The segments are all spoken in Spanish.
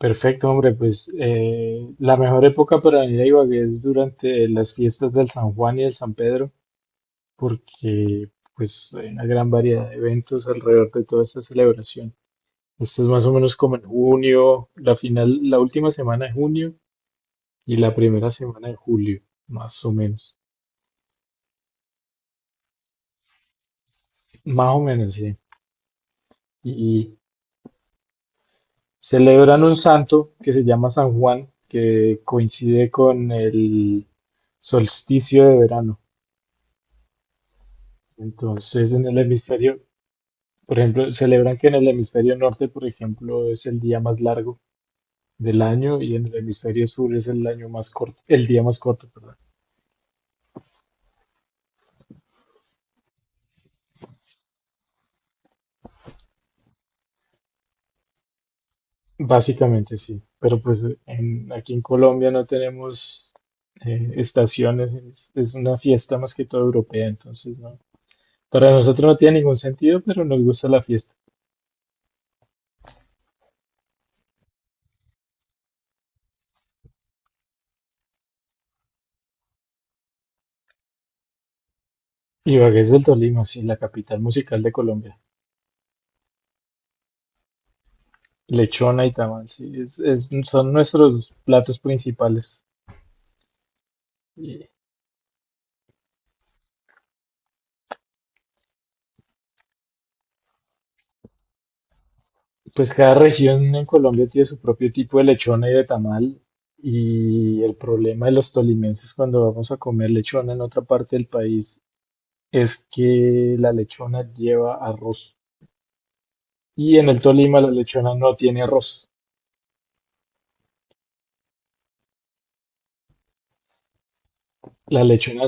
Perfecto, hombre, pues la mejor época para venir a Ibagué es durante las fiestas del San Juan y del San Pedro, porque pues hay una gran variedad de eventos alrededor de toda esta celebración. Esto es más o menos como en junio, la final, la última semana de junio y la primera semana de julio, más o menos. Más o menos, sí. Y celebran un santo que se llama San Juan, que coincide con el solsticio de verano. Entonces, en el hemisferio, por ejemplo, celebran que en el hemisferio norte, por ejemplo, es el día más largo del año y en el hemisferio sur es el año más corto, el día más corto, perdón. Básicamente sí, pero aquí en Colombia no tenemos estaciones, es una fiesta más que todo europea, entonces no. Para nosotros no tiene ningún sentido, pero nos gusta la fiesta. Ibagué es del Tolima, sí, la capital musical de Colombia. Lechona y tamal, sí, son nuestros platos principales. Pues cada región en Colombia tiene su propio tipo de lechona y de tamal. Y el problema de los tolimenses cuando vamos a comer lechona en otra parte del país es que la lechona lleva arroz. Y en el Tolima la lechona no tiene arroz. La lechona,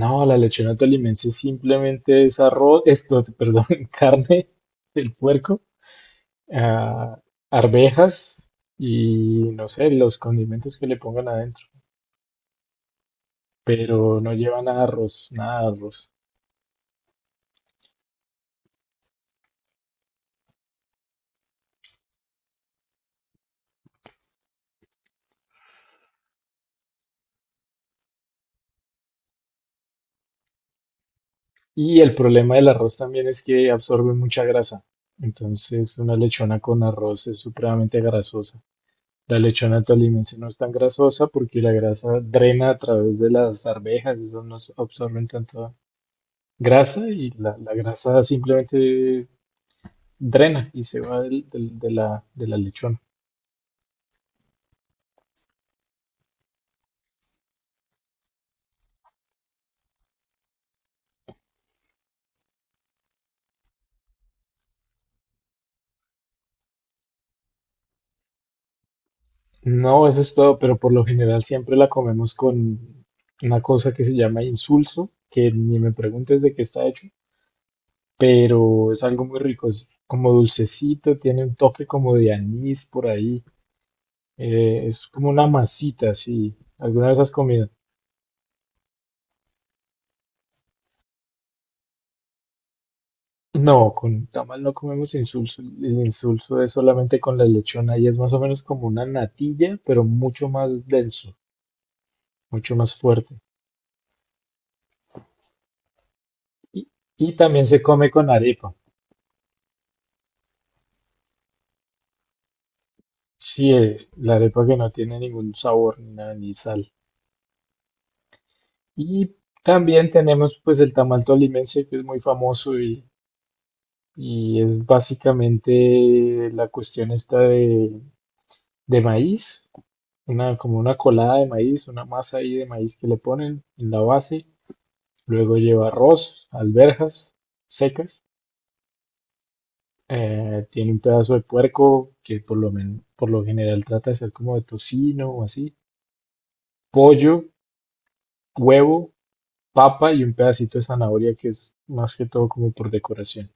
no, la lechona tolimense simplemente no, perdón, carne del puerco, ah, arvejas y no sé, los condimentos que le pongan adentro. Pero no lleva nada de arroz, nada de arroz. Y el problema del arroz también es que absorbe mucha grasa. Entonces, una lechona con arroz es supremamente grasosa. La lechona tolimense no es tan grasosa porque la grasa drena a través de las arvejas, esas no absorben tanta grasa y la grasa simplemente drena y se va de la lechona. No, eso es todo, pero por lo general siempre la comemos con una cosa que se llama insulso, que ni me preguntes de qué está hecho, pero es algo muy rico, es como dulcecito, tiene un toque como de anís por ahí, es como una masita, así. ¿Alguna vez has comido? No, con tamal no comemos insulso, el insulso es solamente con la lechona y es más o menos como una natilla, pero mucho más denso, mucho más fuerte. Y, y también se come con arepa, sí, la arepa que no tiene ningún sabor ni nada, ni sal. Y también tenemos pues el tamal tolimense que es muy famoso y es básicamente la cuestión esta de maíz, como una colada de maíz, una masa ahí de maíz que le ponen en la base, luego lleva arroz, alberjas secas, tiene un pedazo de puerco que por lo general trata de ser como de tocino o así, pollo, huevo, papa y un pedacito de zanahoria que es más que todo como por decoración.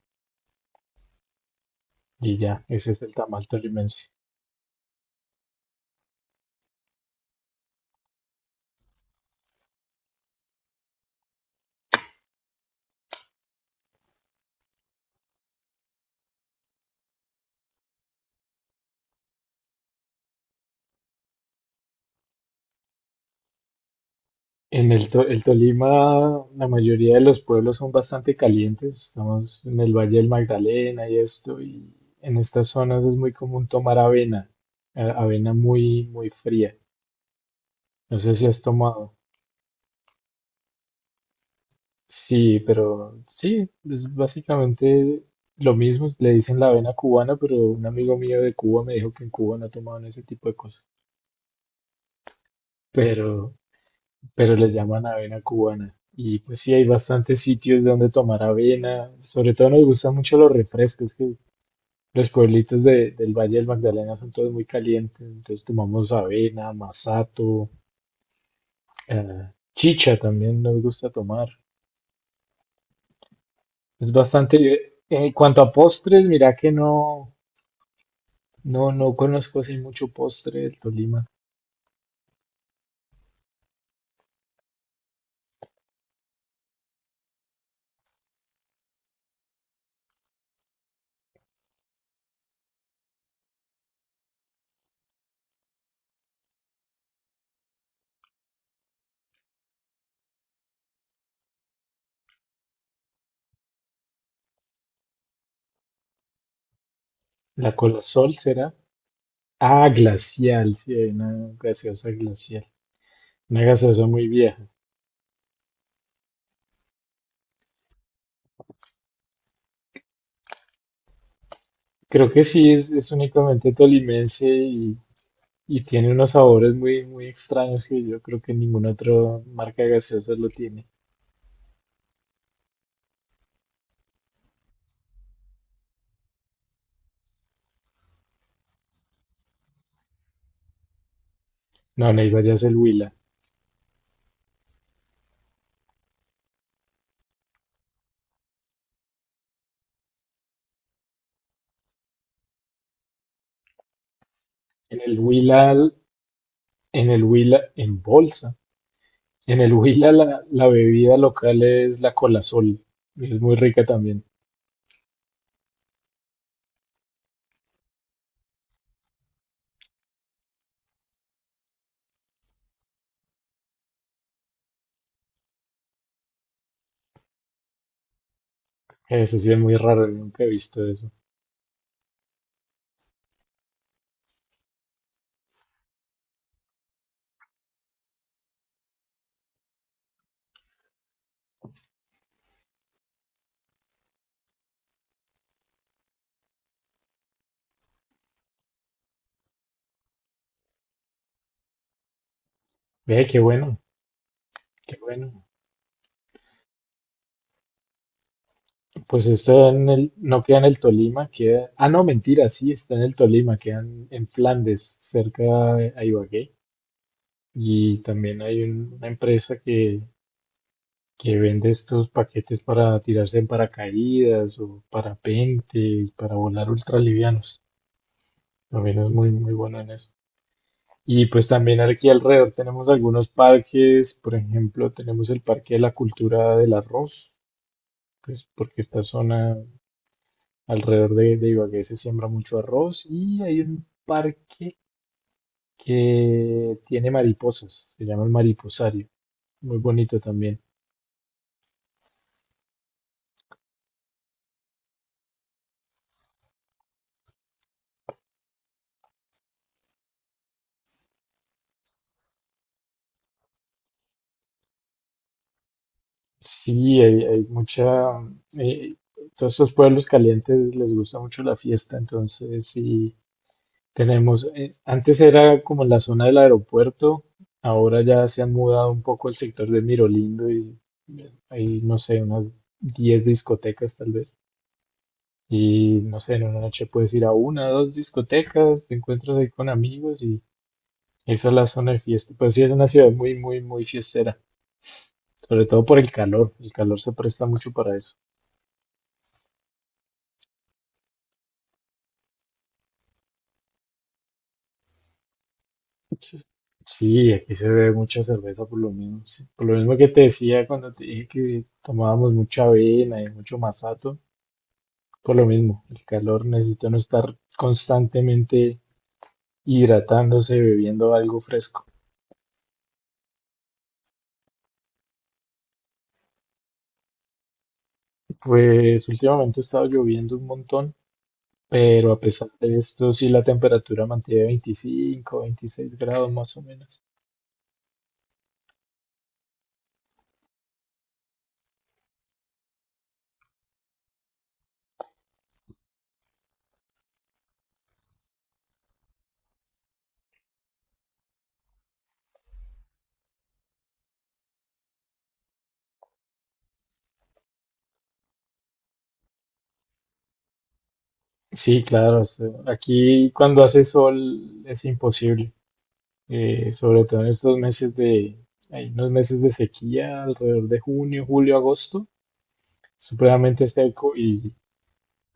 Y ya, ese es el tamal tolimense. El Tolima, la mayoría de los pueblos son bastante calientes. Estamos en el Valle del Magdalena y esto, y en estas zonas es muy común tomar avena, avena muy, muy fría. No sé si has tomado. Sí, pero sí, es básicamente lo mismo. Le dicen la avena cubana, pero un amigo mío de Cuba me dijo que en Cuba no tomaban ese tipo de cosas. Pero pero les llaman avena cubana. Y pues sí, hay bastantes sitios donde tomar avena. Sobre todo nos gustan mucho los refrescos, que los pueblitos del Valle del Magdalena son todos muy calientes. Entonces tomamos avena, masato, chicha también nos gusta tomar. Es bastante... En cuanto a postres, mira que no conozco así mucho postre del Tolima. La Colasol será. Ah, glacial, sí, hay una gaseosa glacial. Una gaseosa muy vieja. Creo que sí, es únicamente tolimense y tiene unos sabores muy, muy extraños que yo creo que ninguna otra marca de gaseosas lo tiene. No, Neiva ya es el Huila. En el Huila, en el Huila, en bolsa. En el Huila la bebida local es la Colasol. Y es muy rica también. Eso sí es muy raro, nunca he visto eso. Ve, qué bueno, qué bueno. Pues esto en el, no queda en el Tolima, queda... Ah, no, mentira, sí, está en el Tolima, queda en Flandes, cerca de a Ibagué. Y también hay una empresa que vende estos paquetes para tirarse en paracaídas o parapente y para volar ultralivianos. También es muy, muy bueno en eso. Y pues también aquí alrededor tenemos algunos parques, por ejemplo, tenemos el Parque de la Cultura del Arroz, pues porque esta zona alrededor de Ibagué se siembra mucho arroz y hay un parque que tiene mariposas, se llama el Mariposario, muy bonito también. Sí, hay mucha... eh, todos estos pueblos calientes les gusta mucho la fiesta, entonces sí tenemos... antes era como la zona del aeropuerto, ahora ya se han mudado un poco el sector de Mirolindo y hay, no sé, unas 10 discotecas tal vez. Y no sé, en una noche puedes ir a una, dos discotecas, te encuentras ahí con amigos y esa es la zona de fiesta. Pues sí, es una ciudad muy, muy, muy fiestera, sobre todo por el calor. El calor se presta mucho para eso. Sí, sí, aquí se bebe mucha cerveza por lo mismo. Sí. Por lo mismo que te decía cuando te dije que tomábamos mucha avena y mucho masato, por lo mismo, el calor necesita no estar constantemente hidratándose, bebiendo algo fresco. Pues últimamente ha estado lloviendo un montón, pero a pesar de esto, sí la temperatura mantiene 25, 26 grados más o menos. Sí, claro, o sea, aquí cuando hace sol es imposible. Sobre todo en estos meses de, hay unos meses de sequía, alrededor de junio, julio, agosto, supremamente seco y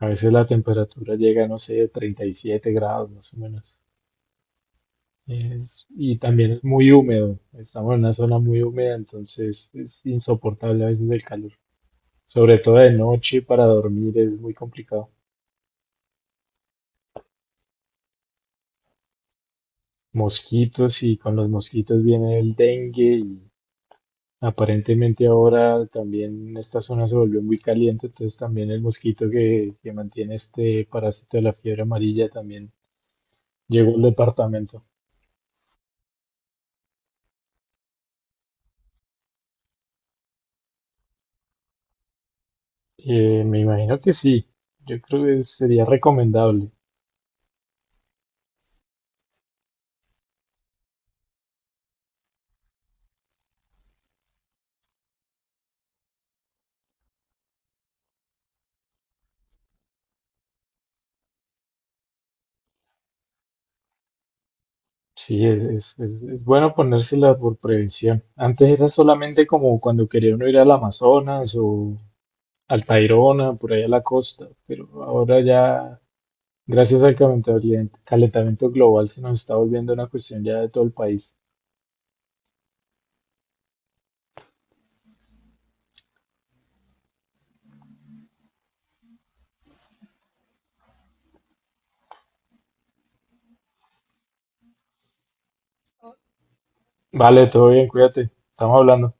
a veces la temperatura llega, no sé, 37 grados más o menos. Y también es muy húmedo, estamos en una zona muy húmeda, entonces es insoportable a veces el calor. Sobre todo de noche para dormir es muy complicado. Mosquitos y con los mosquitos viene el dengue. Aparentemente ahora también esta zona se volvió muy caliente, entonces también el mosquito que mantiene este parásito de la fiebre amarilla también llegó al departamento. Me imagino que sí, yo creo que sería recomendable. Sí, es bueno ponérsela por prevención. Antes era solamente como cuando quería uno ir al Amazonas o al Tayrona, por ahí a la costa, pero ahora ya, gracias al calentamiento global, se nos está volviendo una cuestión ya de todo el país. Vale, todo bien, cuídate. Estamos hablando.